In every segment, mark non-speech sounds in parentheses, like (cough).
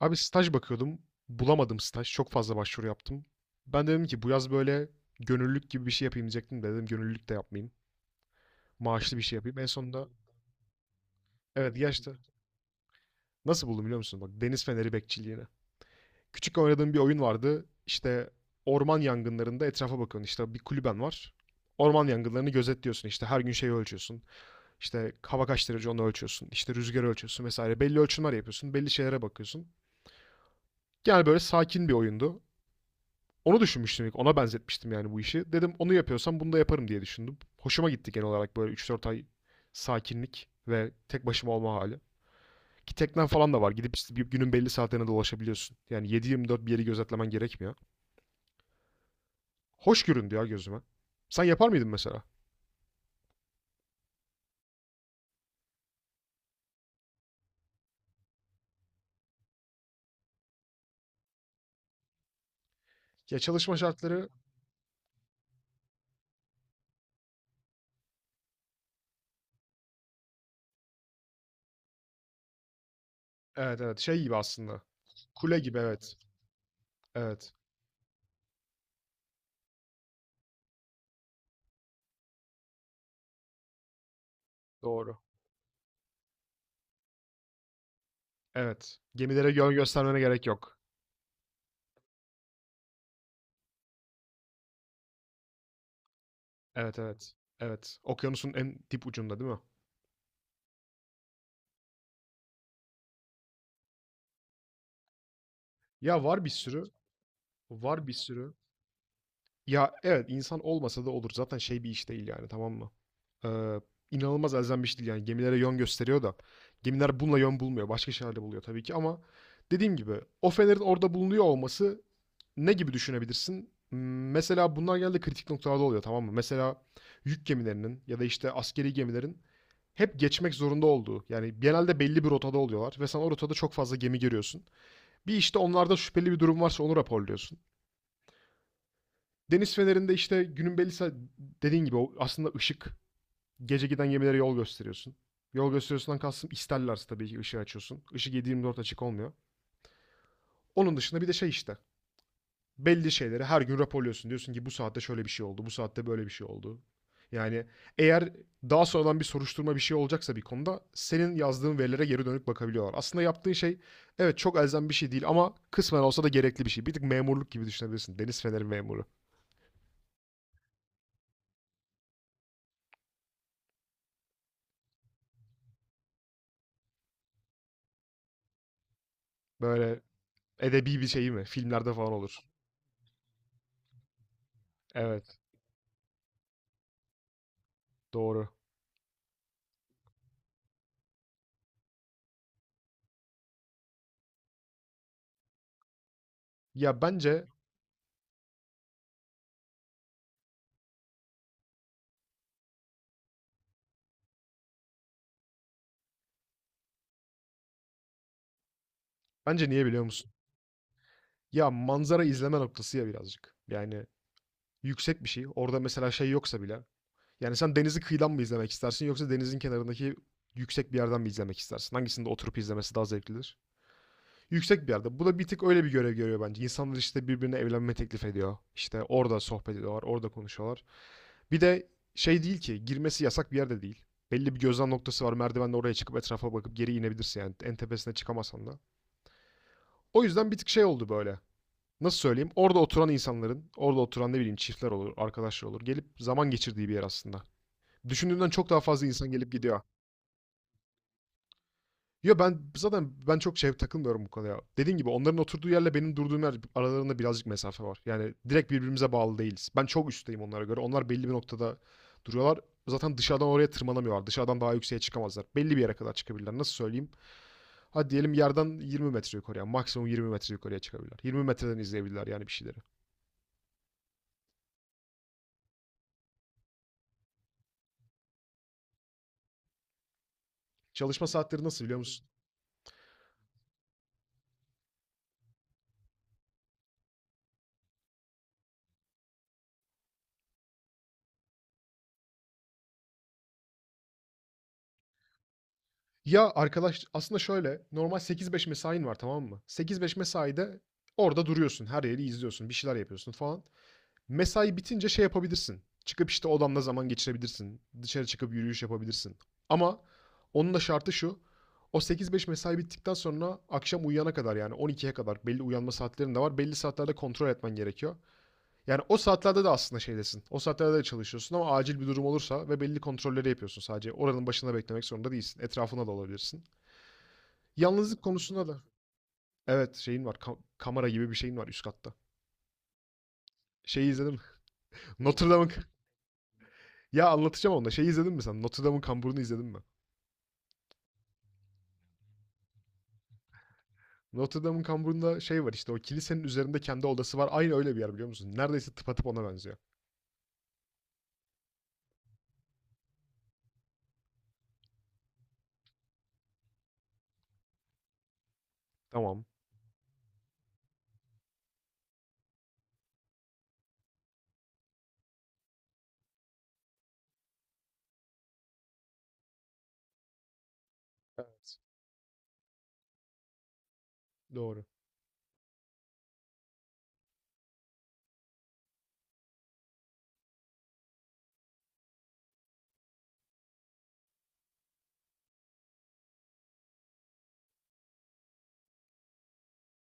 Abi staj bakıyordum. Bulamadım staj. Çok fazla başvuru yaptım. Ben de dedim ki bu yaz böyle gönüllülük gibi bir şey yapayım diyecektim de dedim gönüllülük de yapmayayım. Maaşlı bir şey yapayım. En sonunda evet gerçekten nasıl buldum biliyor musun? Bak deniz feneri bekçiliğine. Küçük oynadığım bir oyun vardı. İşte orman yangınlarında etrafa bakıyorsun. İşte bir kulüben var. Orman yangınlarını gözetliyorsun. İşte her gün şeyi ölçüyorsun. İşte hava kaç derece onu ölçüyorsun. İşte rüzgarı ölçüyorsun vesaire. Belli ölçümler yapıyorsun. Belli şeylere bakıyorsun. Yani böyle sakin bir oyundu. Onu düşünmüştüm ilk. Ona benzetmiştim yani bu işi. Dedim onu yapıyorsam bunu da yaparım diye düşündüm. Hoşuma gitti genel olarak böyle 3 4 ay sakinlik ve tek başıma olma hali. Ki teknen falan da var. Gidip işte bir günün belli saatlerine dolaşabiliyorsun. Yani 7/24 bir yeri gözetlemen gerekmiyor. Hoş göründü ya gözüme. Sen yapar mıydın mesela? Ya çalışma şartları evet evet şey gibi aslında. Kule gibi evet. Evet. Doğru. Evet. Gemilere yön göstermene gerek yok. Evet evet. Evet. Okyanusun en dip ucunda değil mi? Ya var bir sürü. Var bir sürü. Ya evet insan olmasa da olur. Zaten şey bir iş değil yani tamam mı? Ee, inanılmaz elzem bir iş değil yani. Gemilere yön gösteriyor da. Gemiler bununla yön bulmuyor. Başka şeylerle buluyor tabii ki ama dediğim gibi o fenerin orada bulunuyor olması ne gibi düşünebilirsin? M- Mesela bunlar genelde kritik noktalarda oluyor tamam mı? Mesela yük gemilerinin ya da işte askeri gemilerin hep geçmek zorunda olduğu yani genelde belli bir rotada oluyorlar ve sen o rotada çok fazla gemi görüyorsun. Bir işte onlarda şüpheli bir durum varsa onu raporluyorsun. Deniz fenerinde işte günün belli saat dediğin gibi aslında ışık. Gece giden gemilere yol gösteriyorsun. Yol gösteriyorsundan kastım isterlerse tabii ki ışığı açıyorsun. Işık 7 Dört açık olmuyor. Onun dışında bir de şey işte. Belli şeyleri her gün raporluyorsun. Diyorsun ki bu saatte şöyle bir şey oldu, bu saatte böyle bir şey oldu. Yani eğer daha sonradan bir soruşturma bir şey olacaksa bir konuda senin yazdığın verilere geri dönüp bakabiliyorlar. Aslında yaptığın şey evet çok elzem bir şey değil ama kısmen olsa da gerekli bir şey. Bir tık memurluk gibi düşünebilirsin. Deniz feneri memuru. Böyle edebi bir şey mi? Filmlerde falan olur. Evet, doğru. Ya bence niye biliyor musun? Ya manzara izleme noktası ya birazcık. Yani yüksek bir şey. Orada mesela şey yoksa bile. Yani sen denizi kıyıdan mı izlemek istersin yoksa denizin kenarındaki yüksek bir yerden mi izlemek istersin? Hangisinde oturup izlemesi daha zevklidir? Yüksek bir yerde. Bu da bir tık öyle bir görev görüyor bence. İnsanlar işte birbirine evlenme teklif ediyor. İşte orada sohbet ediyorlar, orada konuşuyorlar. Bir de şey değil ki girmesi yasak bir yerde değil. Belli bir gözlem noktası var. Merdivenle oraya çıkıp etrafa bakıp geri inebilirsin yani. En tepesine çıkamasan da. O yüzden bir tık şey oldu böyle. Nasıl söyleyeyim? Orada oturan insanların, orada oturan ne bileyim çiftler olur, arkadaşlar olur. Gelip zaman geçirdiği bir yer aslında. Düşündüğümden çok daha fazla insan gelip gidiyor. Ya ben zaten ben çok şey takılmıyorum bu konuya. Dediğim gibi onların oturduğu yerle benim durduğum yer aralarında birazcık mesafe var. Yani direkt birbirimize bağlı değiliz. Ben çok üstteyim onlara göre. Onlar belli bir noktada duruyorlar. Zaten dışarıdan oraya tırmanamıyorlar. Dışarıdan daha yükseğe çıkamazlar. Belli bir yere kadar çıkabilirler. Nasıl söyleyeyim? Hadi diyelim yerden 20 metre yukarıya. Maksimum 20 metre yukarıya çıkabilirler. 20 metreden izleyebilirler yani bir şeyleri. Çalışma saatleri nasıl biliyor musun? Ya arkadaş aslında şöyle normal 8-5 mesain var tamam mı? 8-5 mesaide orada duruyorsun. Her yeri izliyorsun. Bir şeyler yapıyorsun falan. Mesai bitince şey yapabilirsin. Çıkıp işte odamda zaman geçirebilirsin. Dışarı çıkıp yürüyüş yapabilirsin. Ama onun da şartı şu. O sekiz beş mesai bittikten sonra akşam uyuyana kadar yani 12'ye kadar belli uyanma saatlerin de var. Belli saatlerde kontrol etmen gerekiyor. Yani o saatlerde de aslında şeydesin. O saatlerde de çalışıyorsun ama acil bir durum olursa ve belli kontrolleri yapıyorsun sadece. Oranın başında beklemek zorunda değilsin. Etrafına da olabilirsin. Yalnızlık konusunda da. Evet şeyin var. Kamera gibi bir şeyin var üst katta. Şeyi izledim. (laughs) Notre Dame'ın ya anlatacağım onu da. Şeyi izledin mi sen? Notre Dame'ın kamburunu izledin mi? Notre Dame'ın kamburunda şey var işte o kilisenin üzerinde kendi odası var. Aynı öyle bir yer biliyor musun? Neredeyse tıpatıp ona benziyor. Tamam. Evet. Doğru.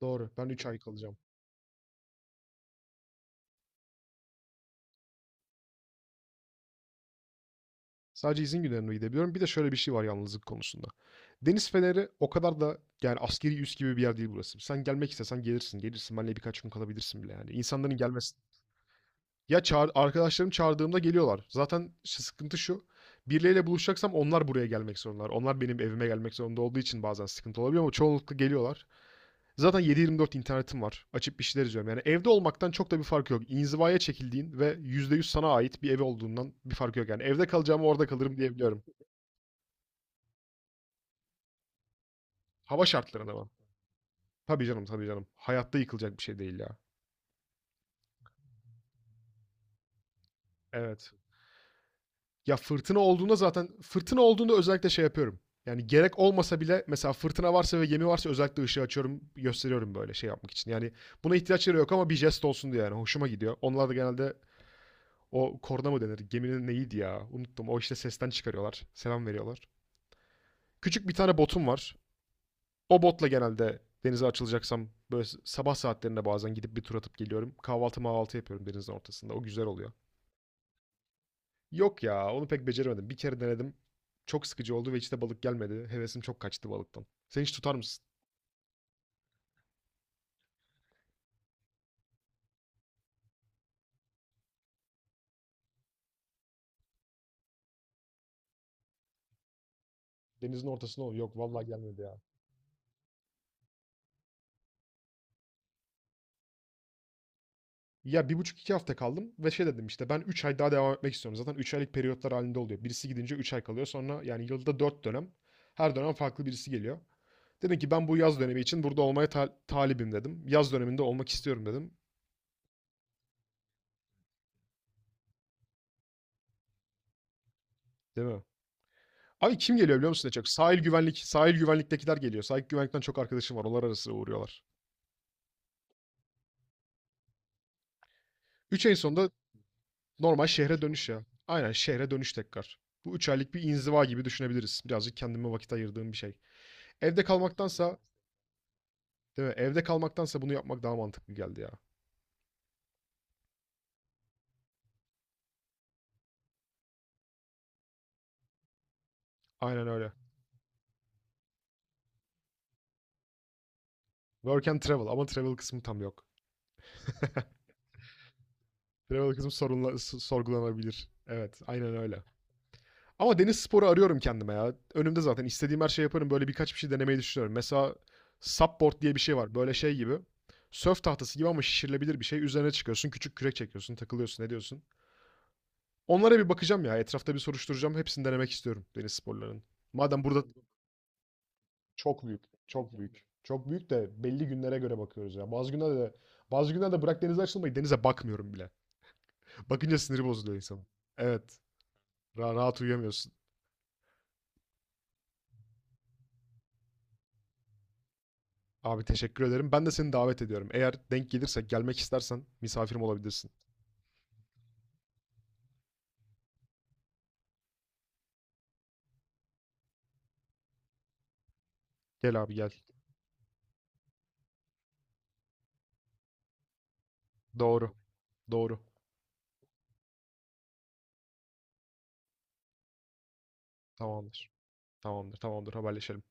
Doğru. Ben 3 ay kalacağım. Sadece izin günlerine gidebiliyorum. Bir de şöyle bir şey var yalnızlık konusunda. Deniz Feneri o kadar da yani askeri üs gibi bir yer değil burası. Sen gelmek istesen gelirsin. Gelirsin. Benle birkaç gün kalabilirsin bile yani. İnsanların gelmesi ya çağır, arkadaşlarım çağırdığımda geliyorlar. Zaten sıkıntı şu. Birileriyle buluşacaksam onlar buraya gelmek zorundalar. Onlar benim evime gelmek zorunda olduğu için bazen sıkıntı olabiliyor ama çoğunlukla geliyorlar. Zaten 7 dört internetim var. Açıp bir şeyler izliyorum. Yani evde olmaktan çok da bir fark yok. İnzivaya çekildiğin ve %100 sana ait bir ev olduğundan bir fark yok. Yani evde kalacağımı orada kalırım diyebiliyorum. Hava şartlarına ama. Tabii canım tabii canım. Hayatta yıkılacak bir şey değil ya. Evet. Ya fırtına olduğunda zaten fırtına olduğunda özellikle şey yapıyorum. Yani gerek olmasa bile mesela fırtına varsa ve gemi varsa özellikle ışığı açıyorum, gösteriyorum böyle şey yapmak için. Yani buna ihtiyaçları yok ama bir jest olsun diye yani hoşuma gidiyor. Onlar da genelde o korna mı denir? Geminin neydi ya? Unuttum. O işte sesten çıkarıyorlar. Selam veriyorlar. Küçük bir tane botum var. O botla genelde denize açılacaksam böyle sabah saatlerinde bazen gidip bir tur atıp geliyorum. Kahvaltı mahvaltı yapıyorum denizin ortasında. O güzel oluyor. Yok ya, onu pek beceremedim. Bir kere denedim. Çok sıkıcı oldu ve içine balık gelmedi. Hevesim çok kaçtı balıktan. Sen hiç tutar mısın? Denizin ortasına ol. Yok vallahi gelmedi ya. Ya bir buçuk iki hafta kaldım ve şey dedim işte ben 3 ay daha devam etmek istiyorum. Zaten 3 aylık periyotlar halinde oluyor. Birisi gidince 3 ay kalıyor. Sonra yani yılda 4 dönem. Her dönem farklı birisi geliyor. Dedim ki ben bu yaz dönemi için burada olmaya talibim dedim. Yaz döneminde olmak istiyorum dedim. Değil mi? Abi kim geliyor biliyor musun en çok? Sahil güvenlik, sahil güvenliktekiler geliyor. Sahil güvenlikten çok arkadaşım var. Onlar arası uğruyorlar. 3 ayın sonunda normal şehre dönüş ya. Aynen şehre dönüş tekrar. Bu 3 aylık bir inziva gibi düşünebiliriz. Birazcık kendime vakit ayırdığım bir şey. Evde kalmaktansa, değil mi? Evde kalmaktansa bunu yapmak daha mantıklı geldi ya. Aynen öyle. Work and travel ama travel kısmı tam yok. (laughs) Travel kısmı sorunla, sorgulanabilir. Evet, aynen öyle. Ama deniz sporu arıyorum kendime ya. Önümde zaten istediğim her şeyi yaparım. Böyle birkaç bir şey denemeyi düşünüyorum. Mesela supboard diye bir şey var. Böyle şey gibi. Sörf tahtası gibi ama şişirilebilir bir şey. Üzerine çıkıyorsun, küçük kürek çekiyorsun, takılıyorsun, ne diyorsun? Onlara bir bakacağım ya. Etrafta bir soruşturacağım. Hepsini denemek istiyorum deniz sporlarının. Madem burada çok büyük, çok büyük. Çok büyük de belli günlere göre bakıyoruz ya. Bazı günlerde de bazı günlerde bırak denize açılmayı denize bakmıyorum bile. Bakınca siniri bozuluyor insanın. Evet. Rahat uyuyamıyorsun. Abi teşekkür ederim. Ben de seni davet ediyorum. Eğer denk gelirse, gelmek istersen misafirim olabilirsin. Gel abi gel. Doğru. Doğru. Tamamdır. Tamamdır. Tamamdır. Haberleşelim.